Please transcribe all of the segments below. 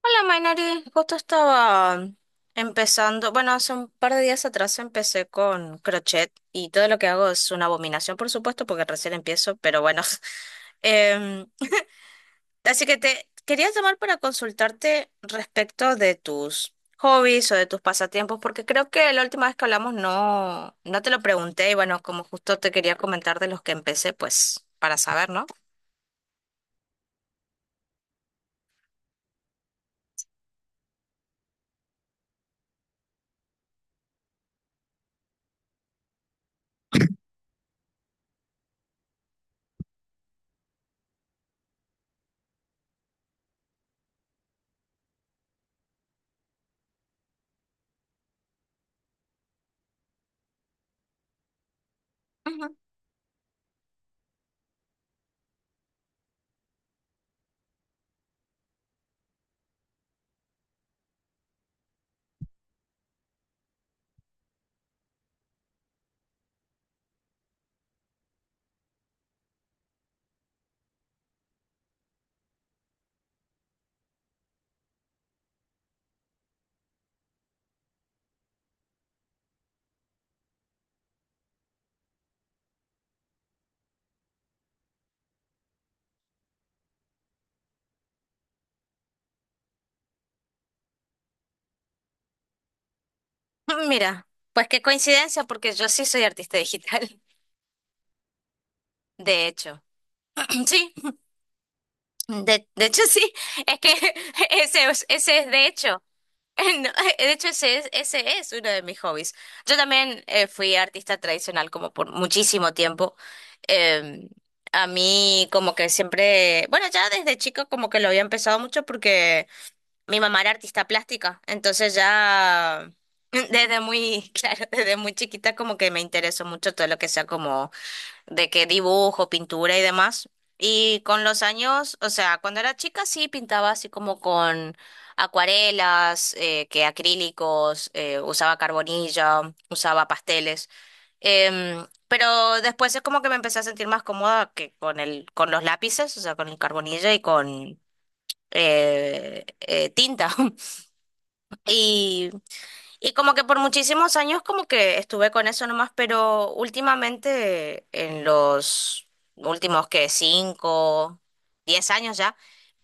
Hola, Mainari. Justo estaba empezando, bueno, hace un par de días atrás empecé con crochet y todo lo que hago es una abominación, por supuesto, porque recién empiezo, pero bueno. Em, así que te quería llamar para consultarte respecto de tus hobbies o de tus pasatiempos, porque creo que la última vez que hablamos no te lo pregunté y bueno, como justo te quería comentar de los que empecé, pues para saber, ¿no? Ujú. Mira, pues qué coincidencia, porque yo sí soy artista digital, de hecho. Mm, sí, de hecho sí, es que ese es de hecho, no, de hecho ese es uno de mis hobbies. Yo también fui artista tradicional como por muchísimo tiempo. Eh, a mí como que siempre, bueno, ya desde chico como que lo había empezado mucho porque mi mamá era artista plástica, entonces ya desde muy, claro, desde muy chiquita como que me interesó mucho todo lo que sea como de que dibujo, pintura y demás. Y con los años, o sea, cuando era chica sí pintaba así como con acuarelas, que acrílicos, usaba carbonilla, usaba pasteles. Pero después es como que me empecé a sentir más cómoda que con con los lápices, o sea, con el carbonilla y con tinta. Y y como que por muchísimos años como que estuve con eso nomás, pero últimamente en los últimos que cinco, diez años ya,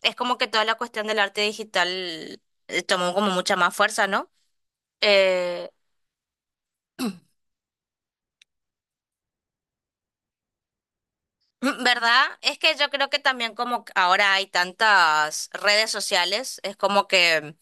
es como que toda la cuestión del arte digital tomó como mucha más fuerza, ¿no? Eh, ¿verdad? Es que yo creo que también como que ahora hay tantas redes sociales, es como que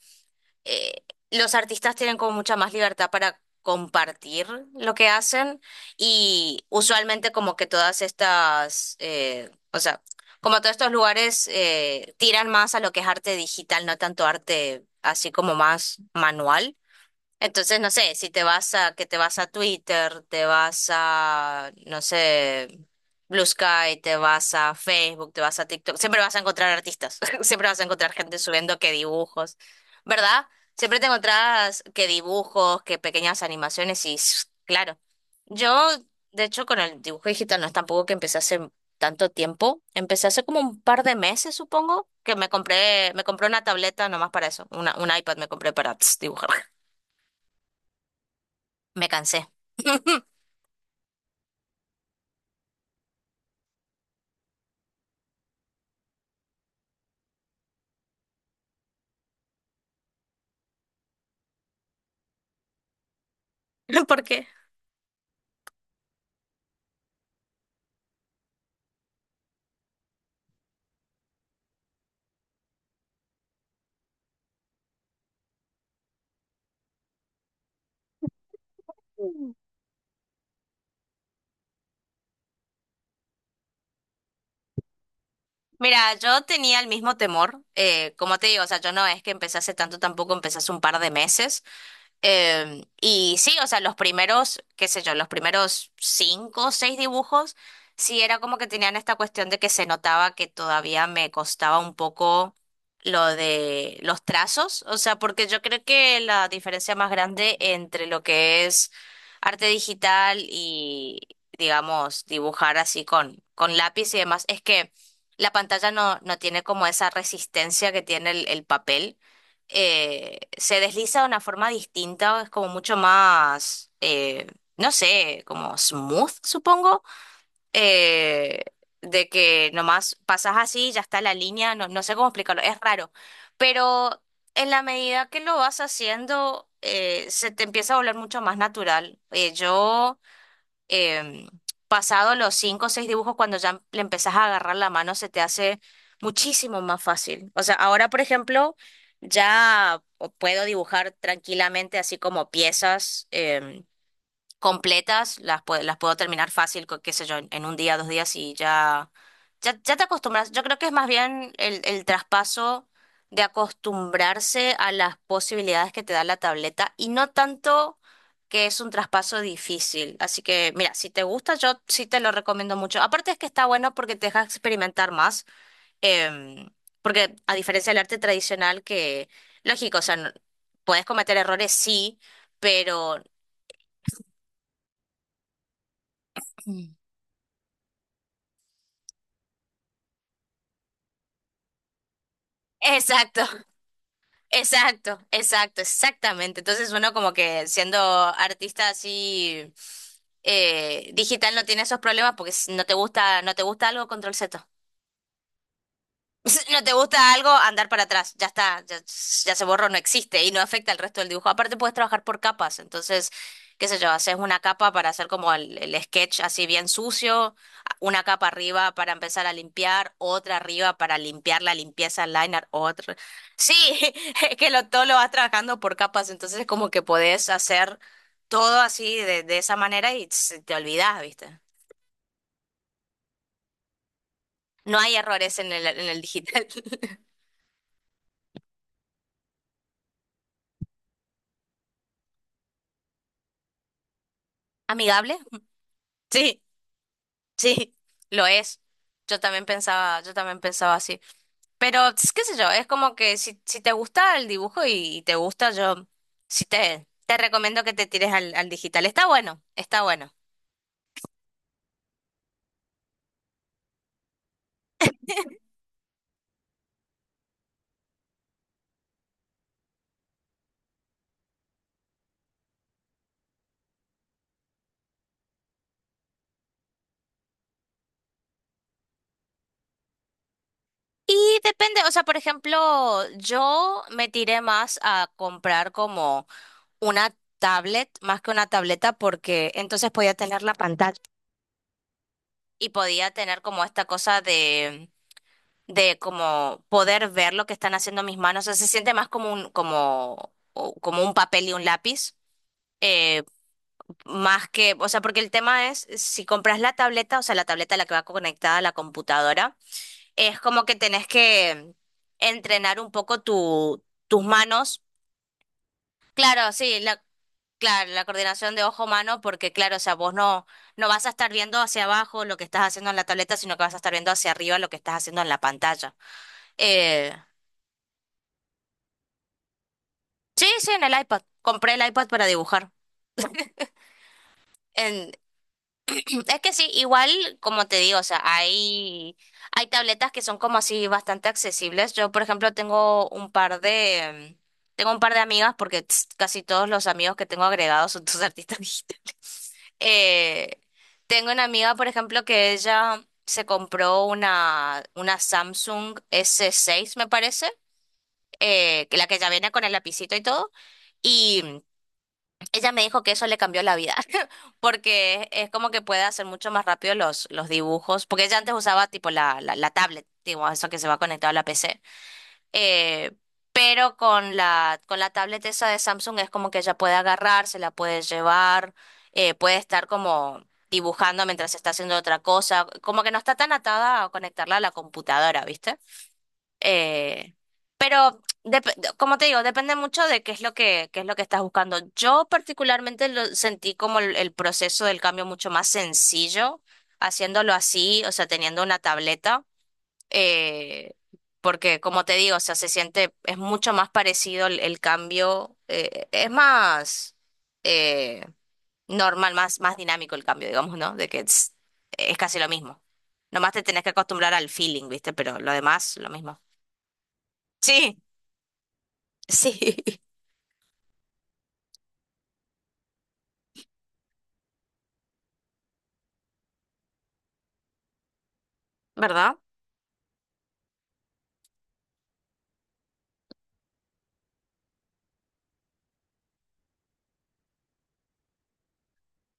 eh, los artistas tienen como mucha más libertad para compartir lo que hacen y usualmente como que todas estas, o sea, como todos estos lugares tiran más a lo que es arte digital, no tanto arte así como más manual. Entonces, no sé, si te vas a, que te vas a Twitter, te vas a, no sé, Blue Sky, te vas a Facebook, te vas a TikTok, siempre vas a encontrar artistas, siempre vas a encontrar gente subiendo que dibujos, ¿verdad? Siempre te encontrás que dibujos, que pequeñas animaciones y s- claro, yo, de hecho, con el dibujo digital no es tampoco que empecé hace tanto tiempo, empecé hace como un par de meses, supongo, que me compré una tableta nomás para eso, un iPad me compré para tss, dibujar. Me cansé. ¿Por qué? Mm. Mira, yo tenía el mismo temor, como te digo, o sea, yo no es que empecé hace tanto, tampoco empecé hace un par de meses, y sí, o sea, los primeros, qué sé yo, los primeros cinco o seis dibujos, sí era como que tenían esta cuestión de que se notaba que todavía me costaba un poco lo de los trazos, o sea, porque yo creo que la diferencia más grande entre lo que es arte digital y, digamos, dibujar así con lápiz y demás, es que la pantalla no tiene como esa resistencia que tiene el papel se desliza de una forma distinta, es como mucho más, no sé, como smooth, supongo, eh, de que nomás pasas así, ya está la línea, no, no sé cómo explicarlo, es raro, pero en la medida que lo vas haciendo, se te empieza a volver mucho más natural. Yo em, pasado los cinco o seis dibujos, cuando ya le empezás a agarrar la mano, se te hace muchísimo más fácil. O sea, ahora, por ejemplo, ya puedo dibujar tranquilamente así como piezas. Completas, las puedo terminar fácil, co- qué sé yo, en un día, dos días y ya, ya te acostumbras. Yo creo que es más bien el traspaso de acostumbrarse a las posibilidades que te da la tableta y no tanto que es un traspaso difícil. Así que, mira, si te gusta, yo sí te lo recomiendo mucho. Aparte es que está bueno porque te deja experimentar más, em, porque a diferencia del arte tradicional que, lógico, o sea, no- puedes cometer errores, sí, pero... Mm. Exacto, exacto, exactamente. Entonces uno como que siendo artista así digital no tiene esos problemas porque si no te gusta, no te gusta algo, control Z. No te gusta algo, andar para atrás. Ya está, ya se borró, no existe y no afecta al resto del dibujo. Aparte, puedes trabajar por capas. Entonces, qué sé yo, haces una capa para hacer como el sketch así bien sucio, una capa arriba para empezar a limpiar, otra arriba para limpiar la limpieza, el liner, otra. Sí, es que lo, todo lo vas trabajando por capas. Entonces, es como que podés hacer todo así de esa manera y se te olvidás, ¿viste? No hay errores en en el digital. ¿Amigable? Sí. Sí, lo es. Yo también pensaba así. Pero, tss, qué sé yo, es como que si te gusta el dibujo y te gusta, yo sí te recomiendo que te tires al digital. Está bueno, está bueno. Y depende, o sea, por ejemplo, yo me tiré más a comprar como una tablet, más que una tableta, porque entonces podía tener la pantalla y podía tener como esta cosa de como poder ver lo que están haciendo mis manos. O sea, se siente más como un, como, o- como un papel y un lápiz. eh, más que, o sea, porque el tema es, si compras la tableta, o sea, la tableta a la que va conectada a la computadora, es como que tenés que entrenar un poco tus manos. Claro, claro, la coordinación de ojo-mano, porque claro, o sea, vos no, no vas a estar viendo hacia abajo lo que estás haciendo en la tableta, sino que vas a estar viendo hacia arriba lo que estás haciendo en la pantalla. Eh, Sí, sí, en el iPad. Compré el iPad para dibujar. En- es que sí, igual, como te digo, o sea, hay tabletas que son como así bastante accesibles. Yo, por ejemplo, tengo un par de amigas porque tss, casi todos los amigos que tengo agregados son tus artistas digitales. Eh, tengo una amiga, por ejemplo, que ella se compró una Samsung S6, me parece, que la que ya viene con el lapicito y todo. Ella me dijo que eso le cambió la vida, porque es como que puede hacer mucho más rápido los dibujos, porque ella antes usaba tipo la tablet, digo, eso que se va conectado a la PC, eh, pero con con la tablet esa de Samsung es como que ella puede agarrar, se la puede llevar, puede estar como dibujando mientras está haciendo otra cosa, como que no está tan atada a conectarla a la computadora, ¿viste? Eh, pero dep- como te digo, depende mucho de qué es lo que, qué es lo que estás buscando. Yo particularmente lo sentí como el proceso del cambio mucho más sencillo, haciéndolo así, o sea, teniendo una tableta, eh, porque como te digo, o sea, se siente, es mucho más parecido el cambio, es más eh, normal, más dinámico el cambio, digamos, ¿no? De que es casi lo mismo. Nomás te tenés que acostumbrar al feeling, ¿viste? Pero lo demás, lo mismo. Sí. Sí, ¿verdad?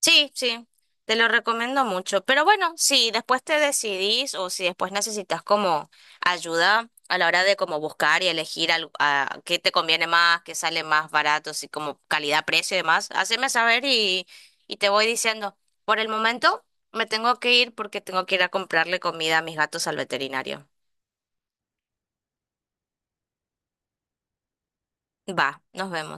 Sí, sí, te lo recomiendo mucho. Pero bueno, si después te decidís o si después necesitas como ayuda a la hora de como buscar y elegir al- a qué te conviene más, qué sale más barato, si como calidad-precio y demás, haceme saber y te voy diciendo. Por el momento me tengo que ir porque tengo que ir a comprarle comida a mis gatos al veterinario. Va, nos vemos.